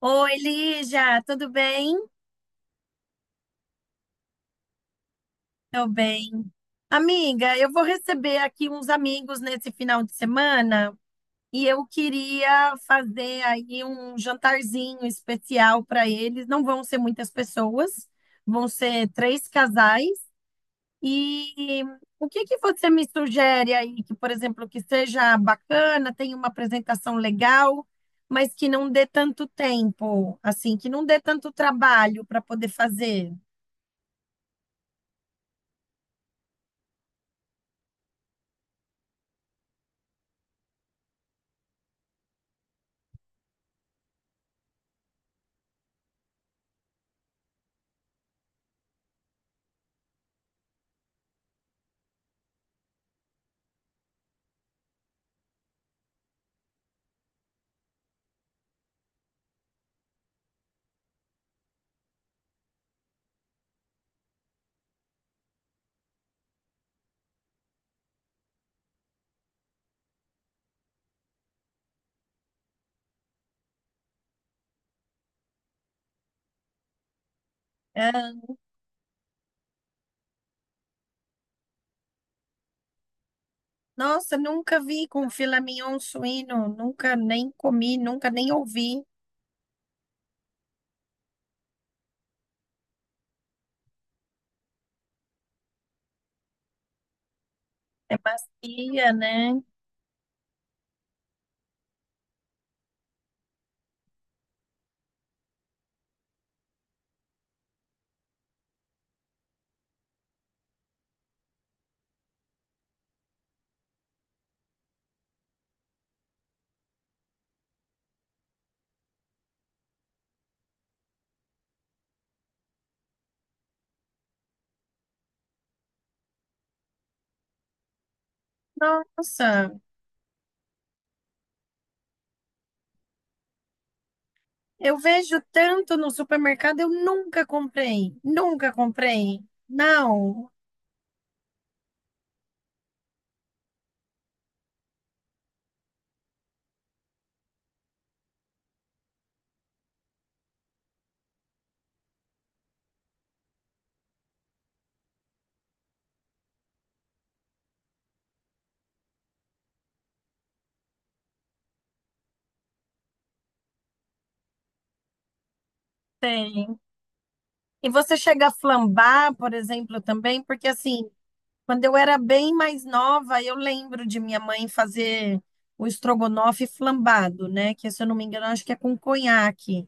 Oi, Lígia, tudo bem? Tô bem. Amiga, eu vou receber aqui uns amigos nesse final de semana e eu queria fazer aí um jantarzinho especial para eles. Não vão ser muitas pessoas, vão ser três casais. E o que que você me sugere aí que, por exemplo, que seja bacana, tenha uma apresentação legal, mas que não dê tanto tempo, assim, que não dê tanto trabalho para poder fazer? Nossa, nunca vi com filé mignon suíno, nunca nem comi, nunca nem ouvi. É macia, né? Nossa, eu vejo tanto no supermercado, eu nunca comprei, nunca comprei. Não, tem. E você chega a flambar, por exemplo, também, porque assim, quando eu era bem mais nova, eu lembro de minha mãe fazer o estrogonofe flambado, né? Que se eu não me engano, acho que é com conhaque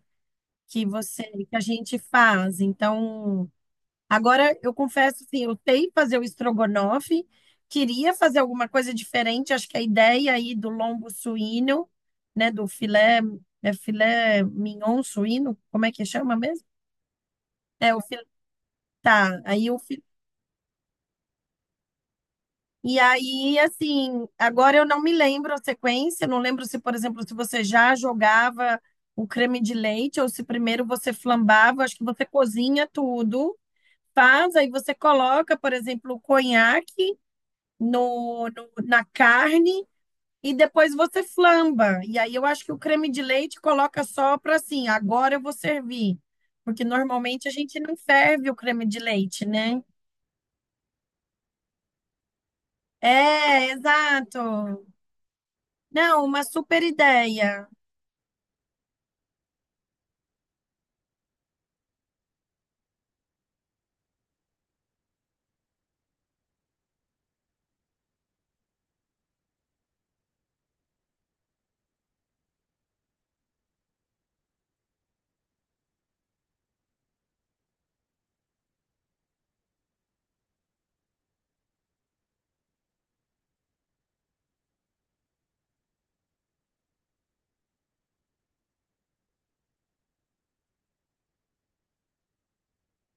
que você, que a gente faz. Então, agora, eu confesso, assim, eu sei fazer o estrogonofe, queria fazer alguma coisa diferente, acho que a ideia aí do lombo suíno, né, do filé, é filé mignon suíno, como é que chama mesmo? É, o filé, tá, aí o filé. E aí, assim, agora eu não me lembro a sequência, não lembro se, por exemplo, se você já jogava o creme de leite ou se primeiro você flambava, acho que você cozinha tudo, faz, aí você coloca, por exemplo, o conhaque, na carne e depois você flamba. E aí eu acho que o creme de leite coloca só para assim, agora eu vou servir. Porque normalmente a gente não ferve o creme de leite, né? É, exato. Não, uma super ideia.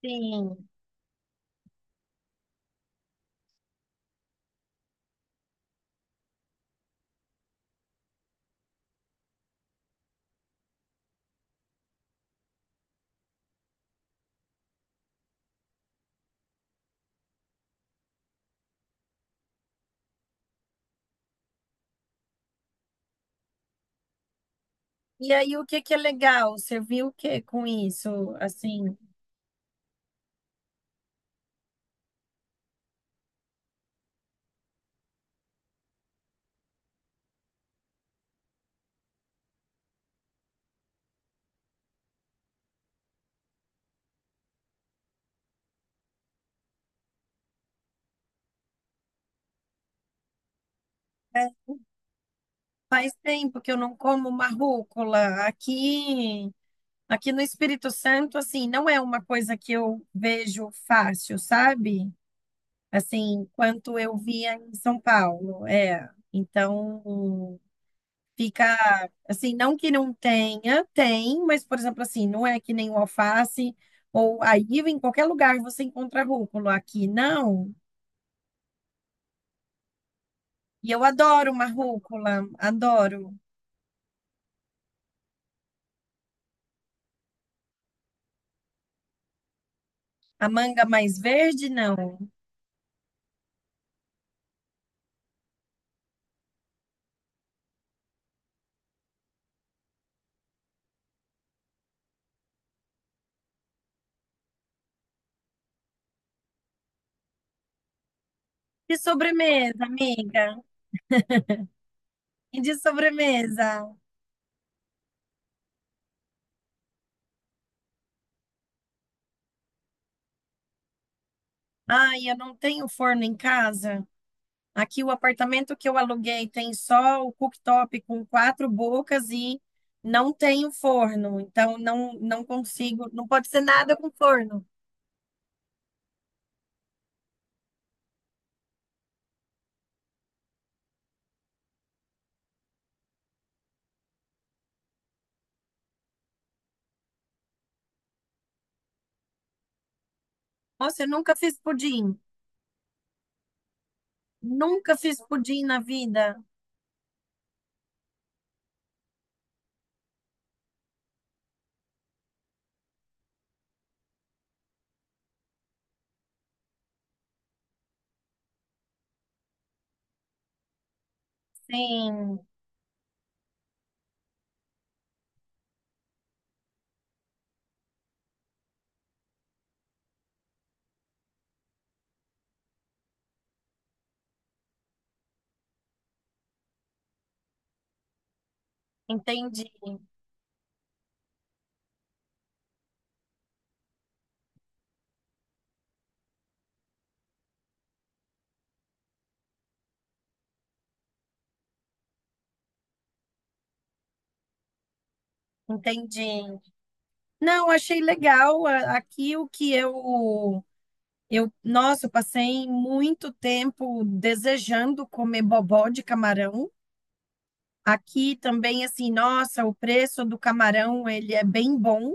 Sim. E aí o que que é legal? Você viu o que com isso? Assim, é, faz tempo que eu não como uma rúcula aqui. Aqui no Espírito Santo, assim, não é uma coisa que eu vejo fácil, sabe? Assim, quanto eu via em São Paulo, é. Então, fica assim, não que não tenha, tem, mas por exemplo, assim, não é que nem o alface ou aí em qualquer lugar você encontra rúcula, aqui não. E eu adoro uma rúcula, adoro. A manga mais verde, não. De sobremesa, amiga? E de sobremesa? Ai, eu não tenho forno em casa. Aqui o apartamento que eu aluguei tem só o cooktop com quatro bocas e não tenho forno. Então não consigo, não pode ser nada com forno. Nossa, eu nunca fiz pudim. Nunca fiz pudim na vida. Sim, entendi, entendi. Não, achei legal aqui o que eu, nossa, eu passei muito tempo desejando comer bobó de camarão. Aqui também, assim, nossa, o preço do camarão, ele é bem bom,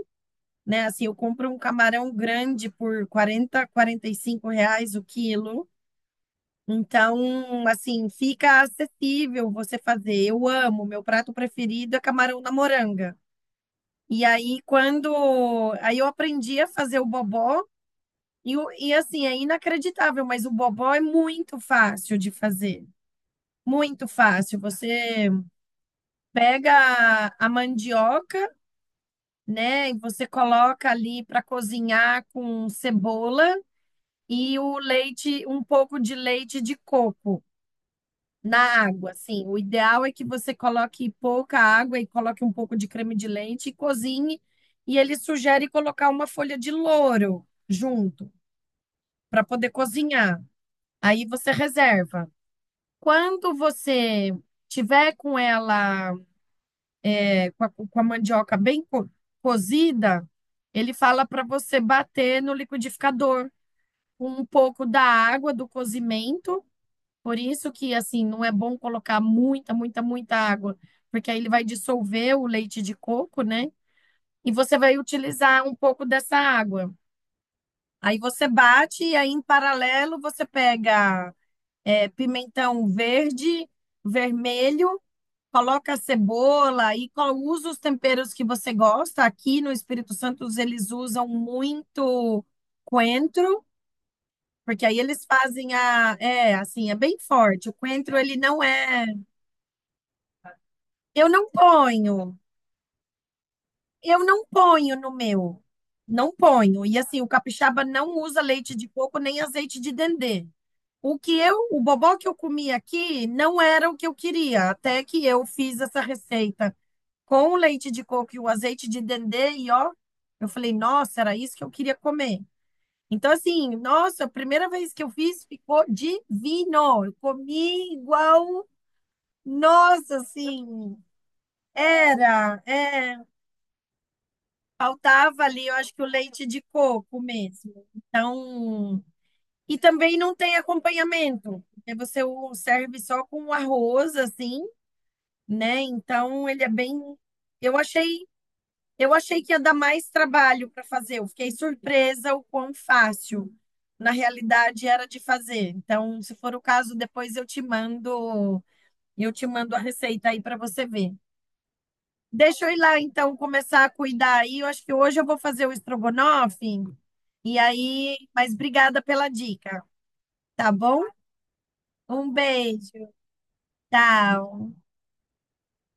né? Assim, eu compro um camarão grande por 40, 45 reais o quilo. Então, assim, fica acessível você fazer. Eu amo, meu prato preferido é camarão na moranga. E aí, quando... aí eu aprendi a fazer o bobó. E, e assim, é inacreditável, mas o bobó é muito fácil de fazer. Muito fácil. Você pega a mandioca, né? E você coloca ali para cozinhar com cebola e o leite, um pouco de leite de coco na água, assim. O ideal é que você coloque pouca água e coloque um pouco de creme de leite e cozinhe. E ele sugere colocar uma folha de louro junto para poder cozinhar. Aí você reserva. Quando você tiver com ela com a mandioca bem cozida, ele fala para você bater no liquidificador com um pouco da água do cozimento. Por isso que, assim, não é bom colocar muita, muita, muita água, porque aí ele vai dissolver o leite de coco, né? E você vai utilizar um pouco dessa água. Aí você bate e aí, em paralelo, você pega é, pimentão verde, vermelho. Coloca a cebola e usa os temperos que você gosta. Aqui no Espírito Santo eles usam muito coentro, porque aí eles fazem a, é, assim, é bem forte. O coentro ele não é, eu não ponho. Eu não ponho no meu. Não ponho. E assim, o capixaba não usa leite de coco nem azeite de dendê. O que eu, o bobó que eu comi aqui não era o que eu queria, até que eu fiz essa receita com o leite de coco e o azeite de dendê e ó, eu falei, nossa, era isso que eu queria comer. Então, assim, nossa, a primeira vez que eu fiz ficou divino. Eu comi igual, nossa, assim, era, é, faltava ali, eu acho que o leite de coco mesmo. Então, e também não tem acompanhamento, porque você o serve só com arroz, assim, né? Então, ele é bem. Eu achei Eu achei que ia dar mais trabalho para fazer. Eu fiquei surpresa o quão fácil, na realidade, era de fazer. Então, se for o caso, depois eu te mando a receita aí para você ver. Deixa eu ir lá, então, começar a cuidar aí. Eu acho que hoje eu vou fazer o estrogonofe. E aí, mas obrigada pela dica, tá bom? Um beijo. Tchau.